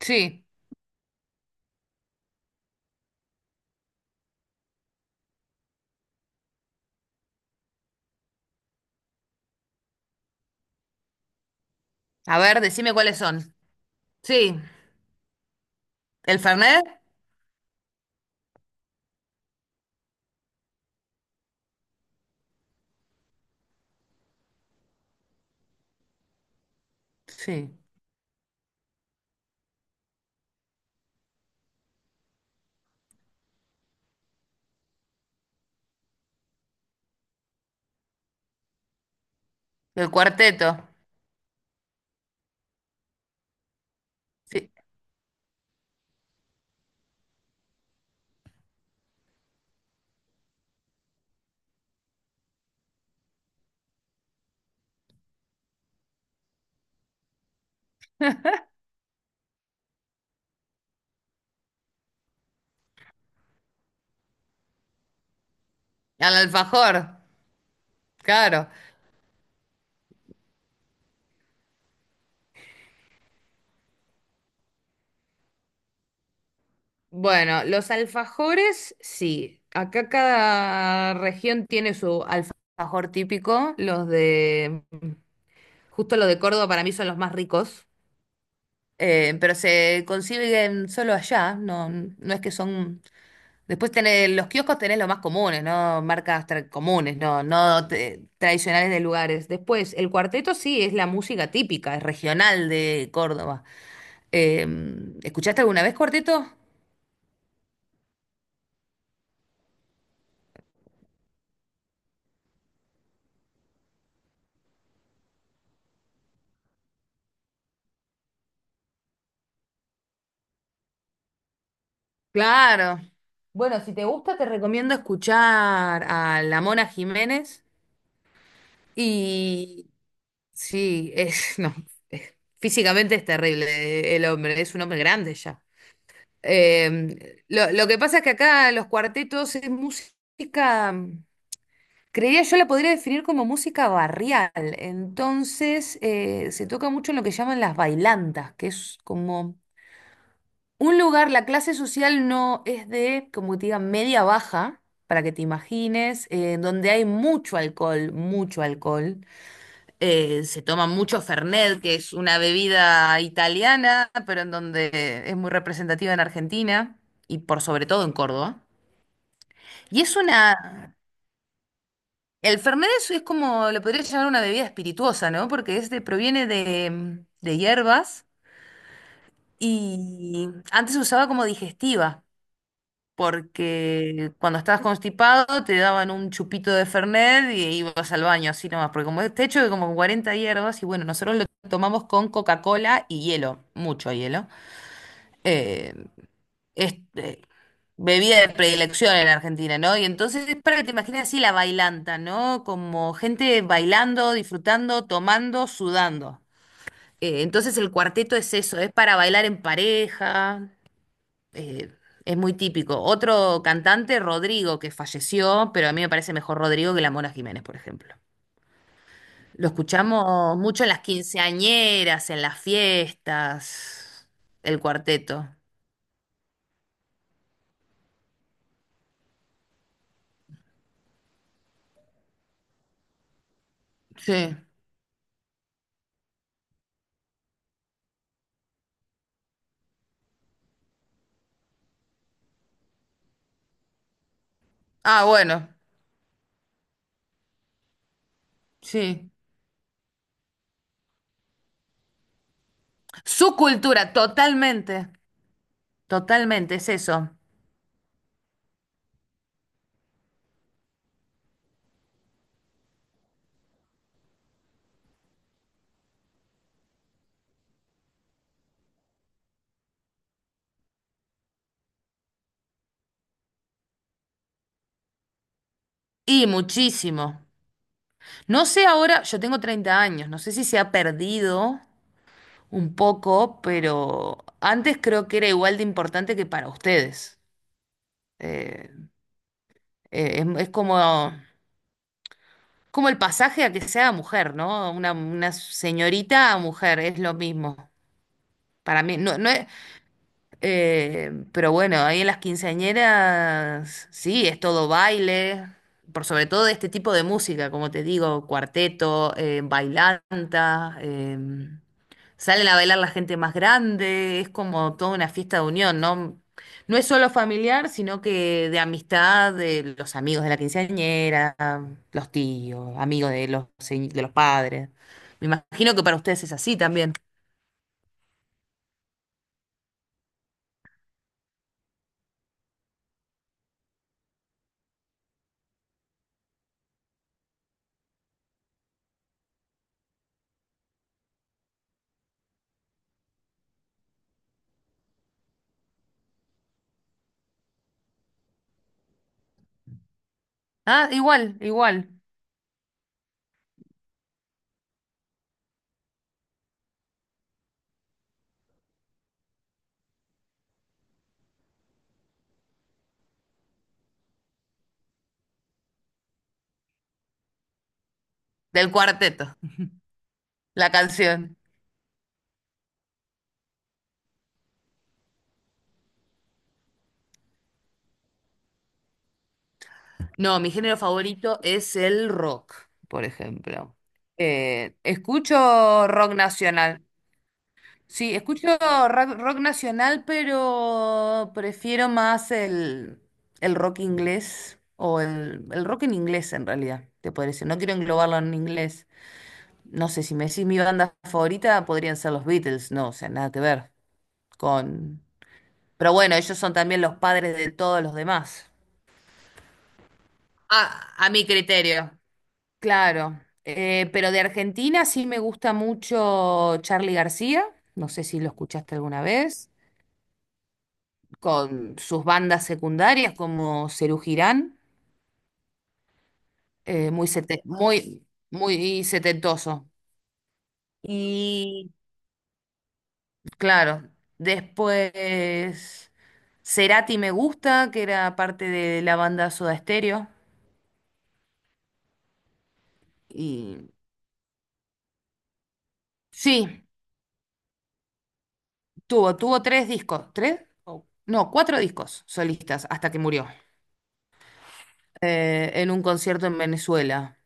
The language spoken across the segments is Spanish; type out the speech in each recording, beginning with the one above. Sí. A ver, decime cuáles son. Sí. ¿El Fernet? Sí. El cuarteto. Sí. Al alfajor. Claro. Bueno, los alfajores, sí. Acá cada región tiene su alfajor típico. Justo los de Córdoba para mí son los más ricos. Pero se consiguen solo allá. No, no es que son. Después tenés, los kioscos tenés los más comunes, ¿no? Marcas comunes, no, tradicionales de lugares. Después, el cuarteto sí es la música típica, es regional de Córdoba. Eh, ¿Escuchaste alguna vez cuarteto? Claro. Bueno, si te gusta, te recomiendo escuchar a la Mona Jiménez. Y sí, es, no, es- físicamente es terrible, el hombre, es un hombre grande ya. Lo que pasa es que acá los cuartetos es música. Creería yo la podría definir como música barrial. Entonces, se toca mucho en lo que llaman las bailantas, que es como un lugar, la clase social no es de, como te diga, media baja, para que te imagines, donde hay mucho alcohol, mucho alcohol. Se toma mucho Fernet, que es una bebida italiana, pero en donde es muy representativa en Argentina y por sobre todo en Córdoba. Y es una El Fernet es como, lo podría llamar una bebida espirituosa, ¿no? Porque este proviene de hierbas y antes se usaba como digestiva, porque cuando estabas constipado te daban un chupito de Fernet y ibas al baño así nomás, porque como este hecho de como 40 hierbas y bueno, nosotros lo tomamos con Coca-Cola y hielo, mucho hielo. eh, este, Bebida de predilección en Argentina, ¿no? Y entonces es para que te imagines así la bailanta, ¿no? Como gente bailando, disfrutando, tomando, sudando. Entonces el cuarteto es eso, es para bailar en pareja, eh, es muy típico. Otro cantante, Rodrigo, que falleció, pero a mí me parece mejor Rodrigo que la Mona Jiménez, por ejemplo. Lo escuchamos mucho en las quinceañeras, en las fiestas, el cuarteto. Sí. Ah, bueno, sí. Su cultura, totalmente, totalmente, es eso. Y muchísimo. No sé ahora, yo tengo 30 años, no sé si se ha perdido un poco, pero antes creo que era igual de importante que para ustedes. Eh, es como, como el pasaje a que sea mujer, ¿no? Una señorita a mujer, es lo mismo. Para mí, no, no es. Pero bueno, ahí en las quinceañeras, sí, es todo baile, por sobre todo de este tipo de música, como te digo, cuarteto, bailanta, salen a bailar la gente más grande, es como toda una fiesta de unión, ¿no? No es solo familiar, sino que de amistad, de los amigos de la quinceañera, los tíos, amigos de de los padres. Me imagino que para ustedes es así también. Ah, igual, igual, del cuarteto. La canción. No, mi género favorito es el rock, por ejemplo. Escucho rock nacional. Sí, escucho rock nacional, pero prefiero más el rock inglés el rock en inglés en realidad, te podría decir. No quiero englobarlo en inglés. No sé, si me decís mi banda favorita, podrían ser los Beatles. No, o sea, nada que ver con... Pero bueno, ellos son también los padres de todos los demás. A, a mi criterio. Claro, pero de Argentina sí me gusta mucho Charly García, no sé si lo escuchaste alguna vez, con sus bandas secundarias como Serú Girán, eh, muy, sete- muy, muy setentoso. Y claro, después Cerati me gusta, que era parte de la banda Soda Stereo. Y sí, tuvo 3 discos, no, 4 discos solistas hasta que murió, en un concierto en Venezuela.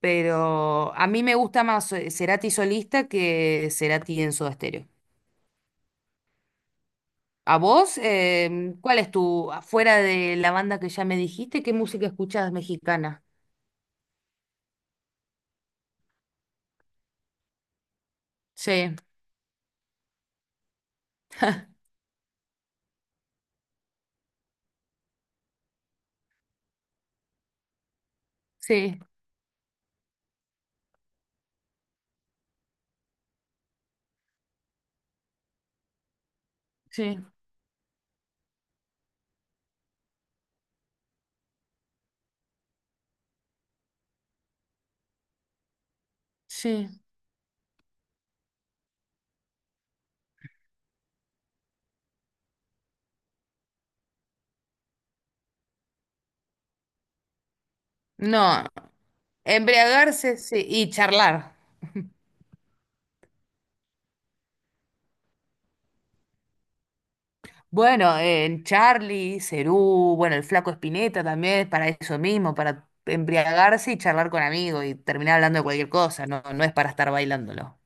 Pero a mí me gusta más Cerati solista que Cerati en Soda Stereo. ¿A vos? ¿Cuál es tu, afuera de la banda que ya me dijiste, qué música escuchás mexicana? Sí, sí, sí, sí. No, embriagarse, sí, y charlar. Bueno, en Charlie, Cerú, bueno, el Flaco Espineta también es para eso mismo, para embriagarse y charlar con amigos y terminar hablando de cualquier cosa, no, no es para estar bailándolo.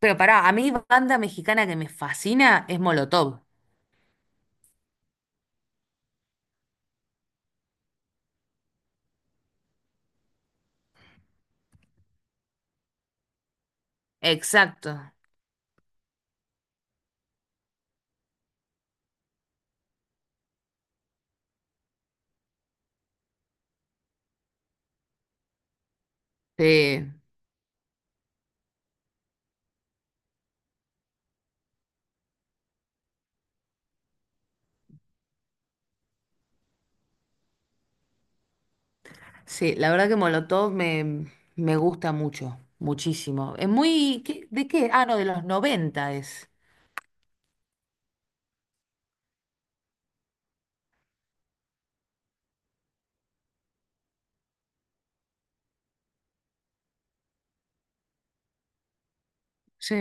Pero pará, a mí banda mexicana que me fascina es Molotov. Exacto. Sí, sí, la verdad que me gusta mucho, muchísimo. Es muy... ¿qué- ¿De qué? Ah, no, de los noventa es. Sí.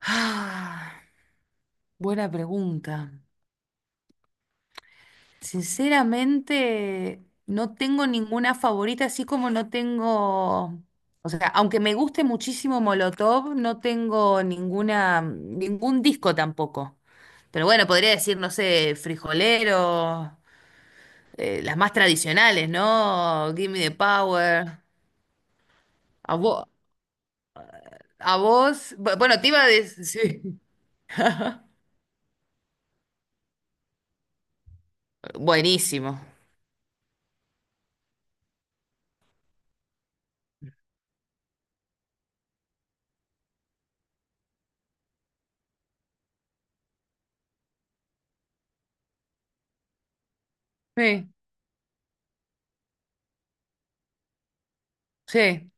Ah, buena pregunta. Sinceramente, no tengo ninguna favorita, así como no tengo, o sea, aunque me guste muchísimo Molotov, no tengo ninguna, ningún disco tampoco. Pero bueno, podría decir, no sé, Frijolero, las más tradicionales, ¿no? Give Me the Power. A vos, a vos, bueno, te iba a decir, sí. Buenísimo. Sí, sí.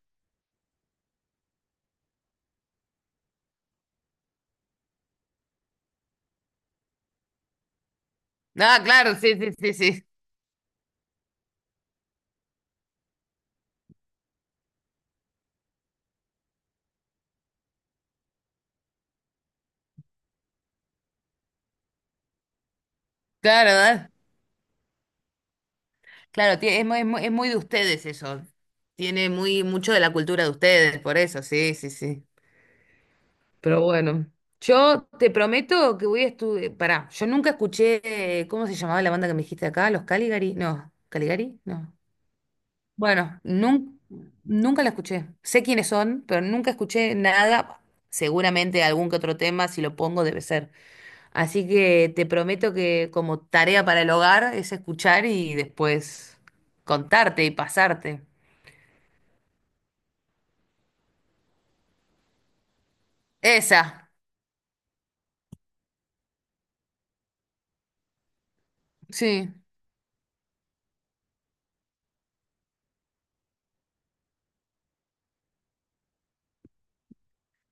Ah, claro, sí, sí, sí, sí. Claro, claro, es muy, es muy, es muy de ustedes eso. Tiene muy mucho de la cultura de ustedes, por eso, sí, sí, sí. Pero bueno, yo te prometo que voy a estudiar. Pará, yo nunca escuché, ¿cómo se llamaba la banda que me dijiste acá? ¿Los Caligari? No, ¿Caligari? No. Bueno, nunca la escuché. Sé quiénes son, pero nunca escuché nada. Seguramente algún que otro tema, si lo pongo, debe ser. Así que te prometo que como tarea para el hogar es escuchar y después contarte y pasarte. Esa, sí.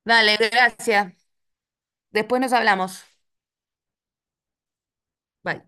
Dale, gracias. Después nos hablamos. Bye.